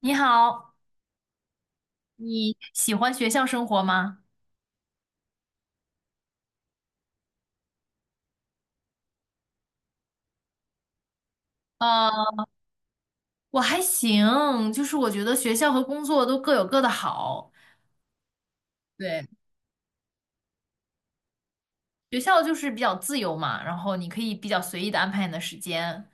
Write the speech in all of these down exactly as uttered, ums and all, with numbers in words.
你好，你喜欢学校生活吗？呃，我还行，就是我觉得学校和工作都各有各的好。对，学校就是比较自由嘛，然后你可以比较随意的安排你的时间。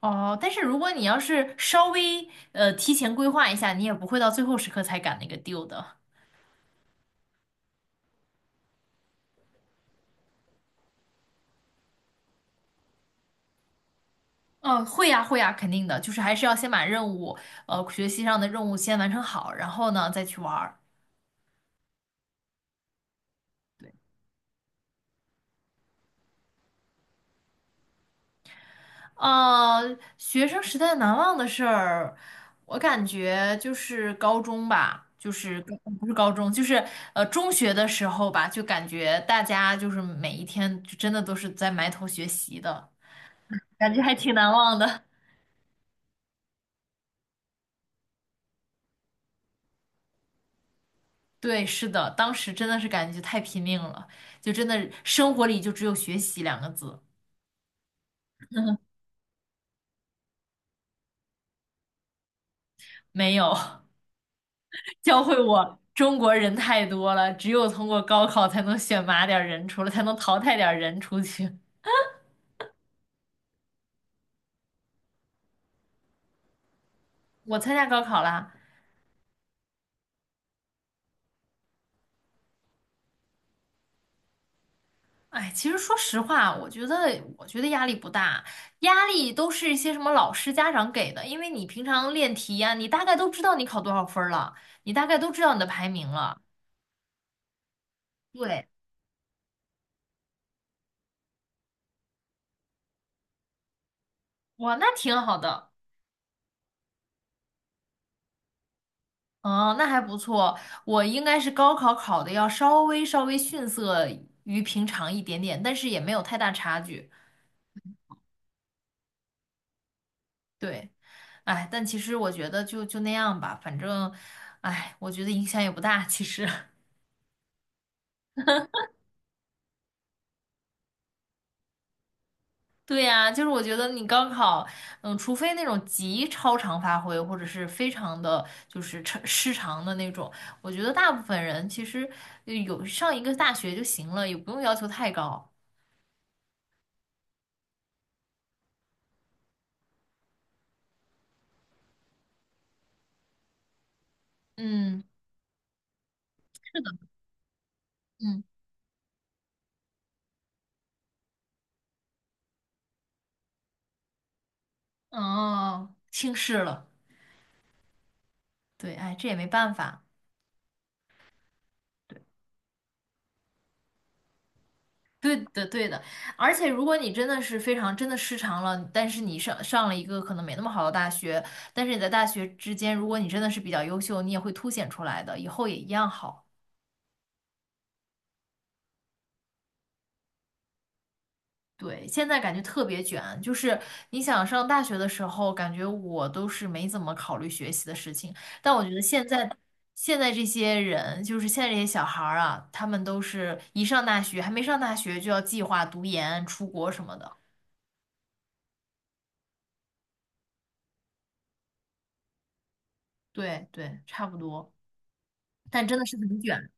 哦，但是如果你要是稍微呃提前规划一下，你也不会到最后时刻才赶那个 due 的。哦，会呀，会呀，肯定的，就是还是要先把任务，呃，学习上的任务先完成好，然后呢再去玩儿。呃，学生时代难忘的事儿，我感觉就是高中吧，就是高不是高中，就是呃中学的时候吧，就感觉大家就是每一天就真的都是在埋头学习的，感觉还挺难忘的。对，是的，当时真的是感觉太拼命了，就真的生活里就只有学习两个字，没有 教会我中国人太多了，只有通过高考才能选拔点儿人出来，才能淘汰点儿人出去。我参加高考啦。哎，其实说实话，我觉得我觉得压力不大，压力都是一些什么老师、家长给的，因为你平常练题呀、你大概都知道你考多少分儿了，你大概都知道你的排名了。对，哇，那挺好的，哦，那还不错。我应该是高考考的要稍微稍微逊色于平常一点点，但是也没有太大差距。对，哎，但其实我觉得就就那样吧，反正，哎，我觉得影响也不大，其实。对呀，就是我觉得你高考，嗯，除非那种极超常发挥，或者是非常的就是超失常的那种，我觉得大部分人其实呃有上一个大学就行了，也不用要求太高。嗯嗯，哦，轻视了，对，哎，这也没办法。对，对的，对的，而且如果你真的是非常真的失常了，但是你上上了一个可能没那么好的大学，但是你在大学之间，如果你真的是比较优秀，你也会凸显出来的，以后也一样好。对，现在感觉特别卷，就是你想上大学的时候，感觉我都是没怎么考虑学习的事情，但我觉得现在现在这些人，就是现在这些小孩儿啊，他们都是一上大学，还没上大学就要计划读研、出国什么的。对对，差不多，但真的是很卷。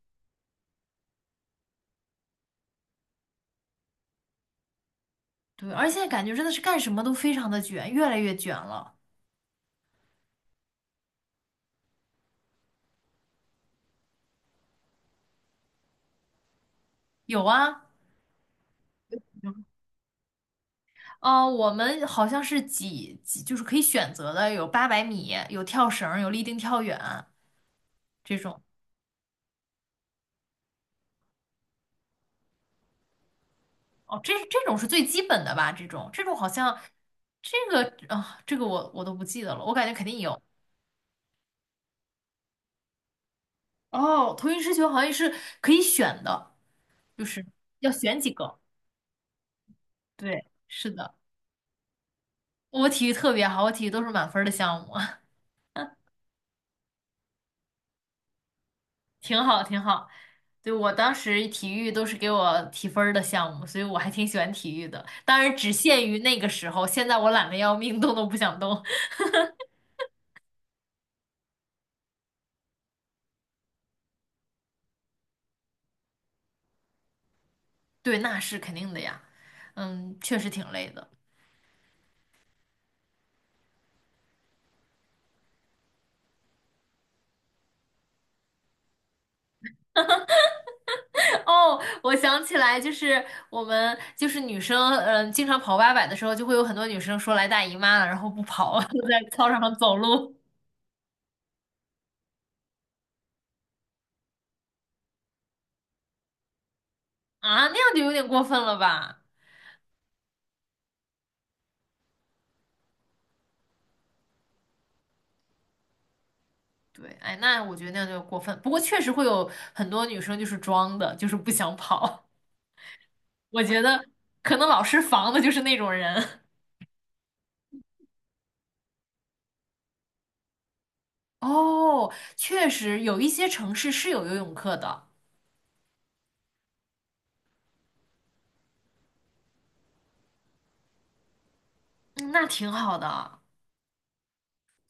对，而且现在感觉真的是干什么都非常的卷，越来越卷了。有啊，呃，我们好像是几几，就是可以选择的，有八百米，有跳绳，有立定跳远。这种。哦，这这种是最基本的吧？这种这种好像这个啊，这个我我都不记得了，我感觉肯定有。哦，投影失球好像是可以选的，就是要选几个。对，是的，我体育特别好，我体育都是满分儿的项目，挺好挺好。对，我当时体育都是给我提分儿的项目，所以我还挺喜欢体育的。当然只限于那个时候，现在我懒得要命，动都不想动。对，那是肯定的呀。嗯，确实挺累的。哦，我想起来，就是我们就是女生，嗯，经常跑八百的时候，就会有很多女生说来大姨妈了，然后不跑，就在操场上走路啊，那样就有点过分了吧？对，哎，那我觉得那样就过分。不过确实会有很多女生就是装的，就是不想跑。我觉得可能老师防的就是那种人。哦，确实有一些城市是有游泳课的，嗯，那挺好的，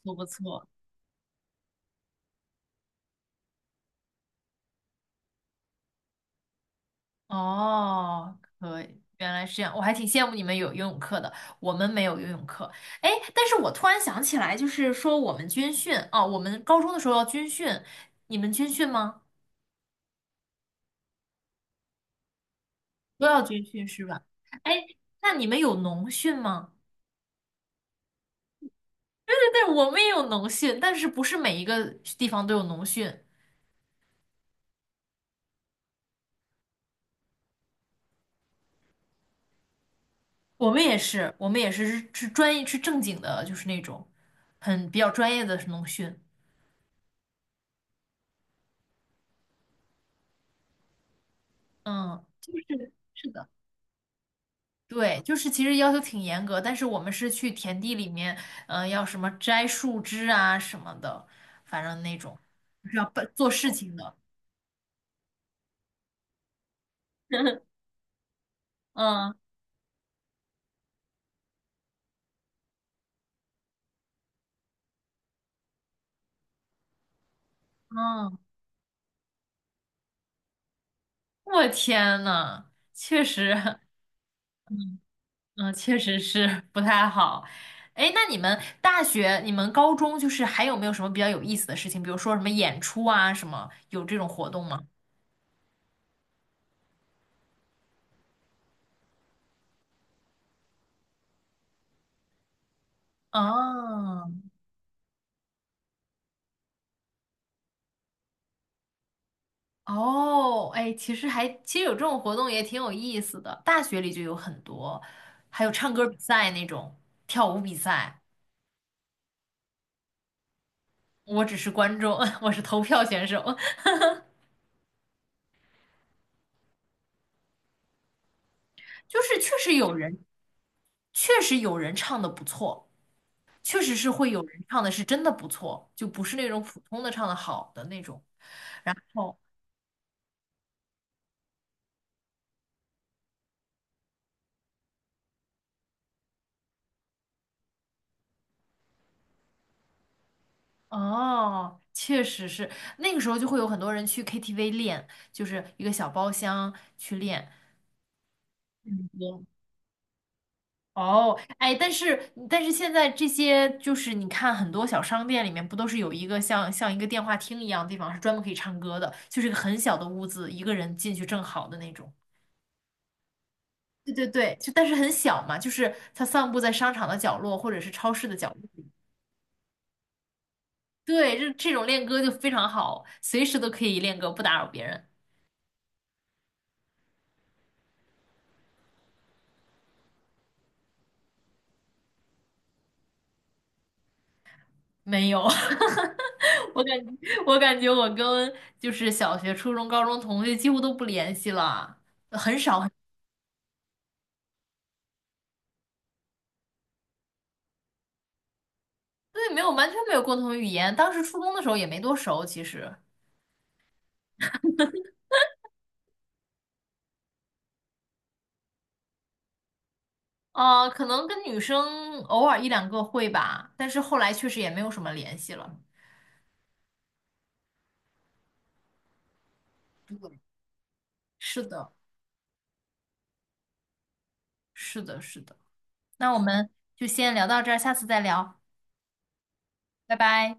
不错不错。哦，可以，原来是这样，我还挺羡慕你们有游泳课的，我们没有游泳课。哎，但是我突然想起来，就是说我们军训啊，我们高中的时候要军训，你们军训吗？都要军训是吧？哎，那你们有农训吗？对对对，我们也有农训，但是不是每一个地方都有农训，我们也是，我们也是是是专业是正经的，就是那种很比较专业的农训。嗯。是的。对，就是其实要求挺严格，但是我们是去田地里面，嗯、要什么摘树枝啊什么的，反正那种就是要办做事情的。嗯嗯，我天呐，确实，嗯，确实是 不太好。哎，那你们大学、你们高中就是还有没有什么比较有意思的事情？比如说什么演出啊，什么有这种活动吗？哦，哦，哎，其实还其实有这种活动也挺有意思的，大学里就有很多，还有唱歌比赛那种，跳舞比赛，我只是观众，我是投票选手，就是确实有人，确实有人唱的不错，确实是会有人唱的是真的不错，就不是那种普通的唱的好的那种。然后哦，确实是那个时候就会有很多人去 K T V 练，就是一个小包厢去练。嗯，哦，哎，但是但是现在这些就是你看很多小商店里面不都是有一个像像一个电话厅一样的地方是专门可以唱歌的，就是一个很小的屋子，一个人进去正好的那种。对对对，就但是很小嘛，就是它散布在商场的角落或者是超市的角落。对，这这种练歌就非常好，随时都可以练歌，不打扰别人。没有，我感觉我感觉我跟就是小学、初中、高中同学几乎都不联系了，很少。对，没有，完全没有共同语言。当时初中的时候也没多熟，其实，呃，可能跟女生偶尔一两个会吧，但是后来确实也没有什么联系了。是的，是的，是的。那我们就先聊到这儿，下次再聊，拜拜。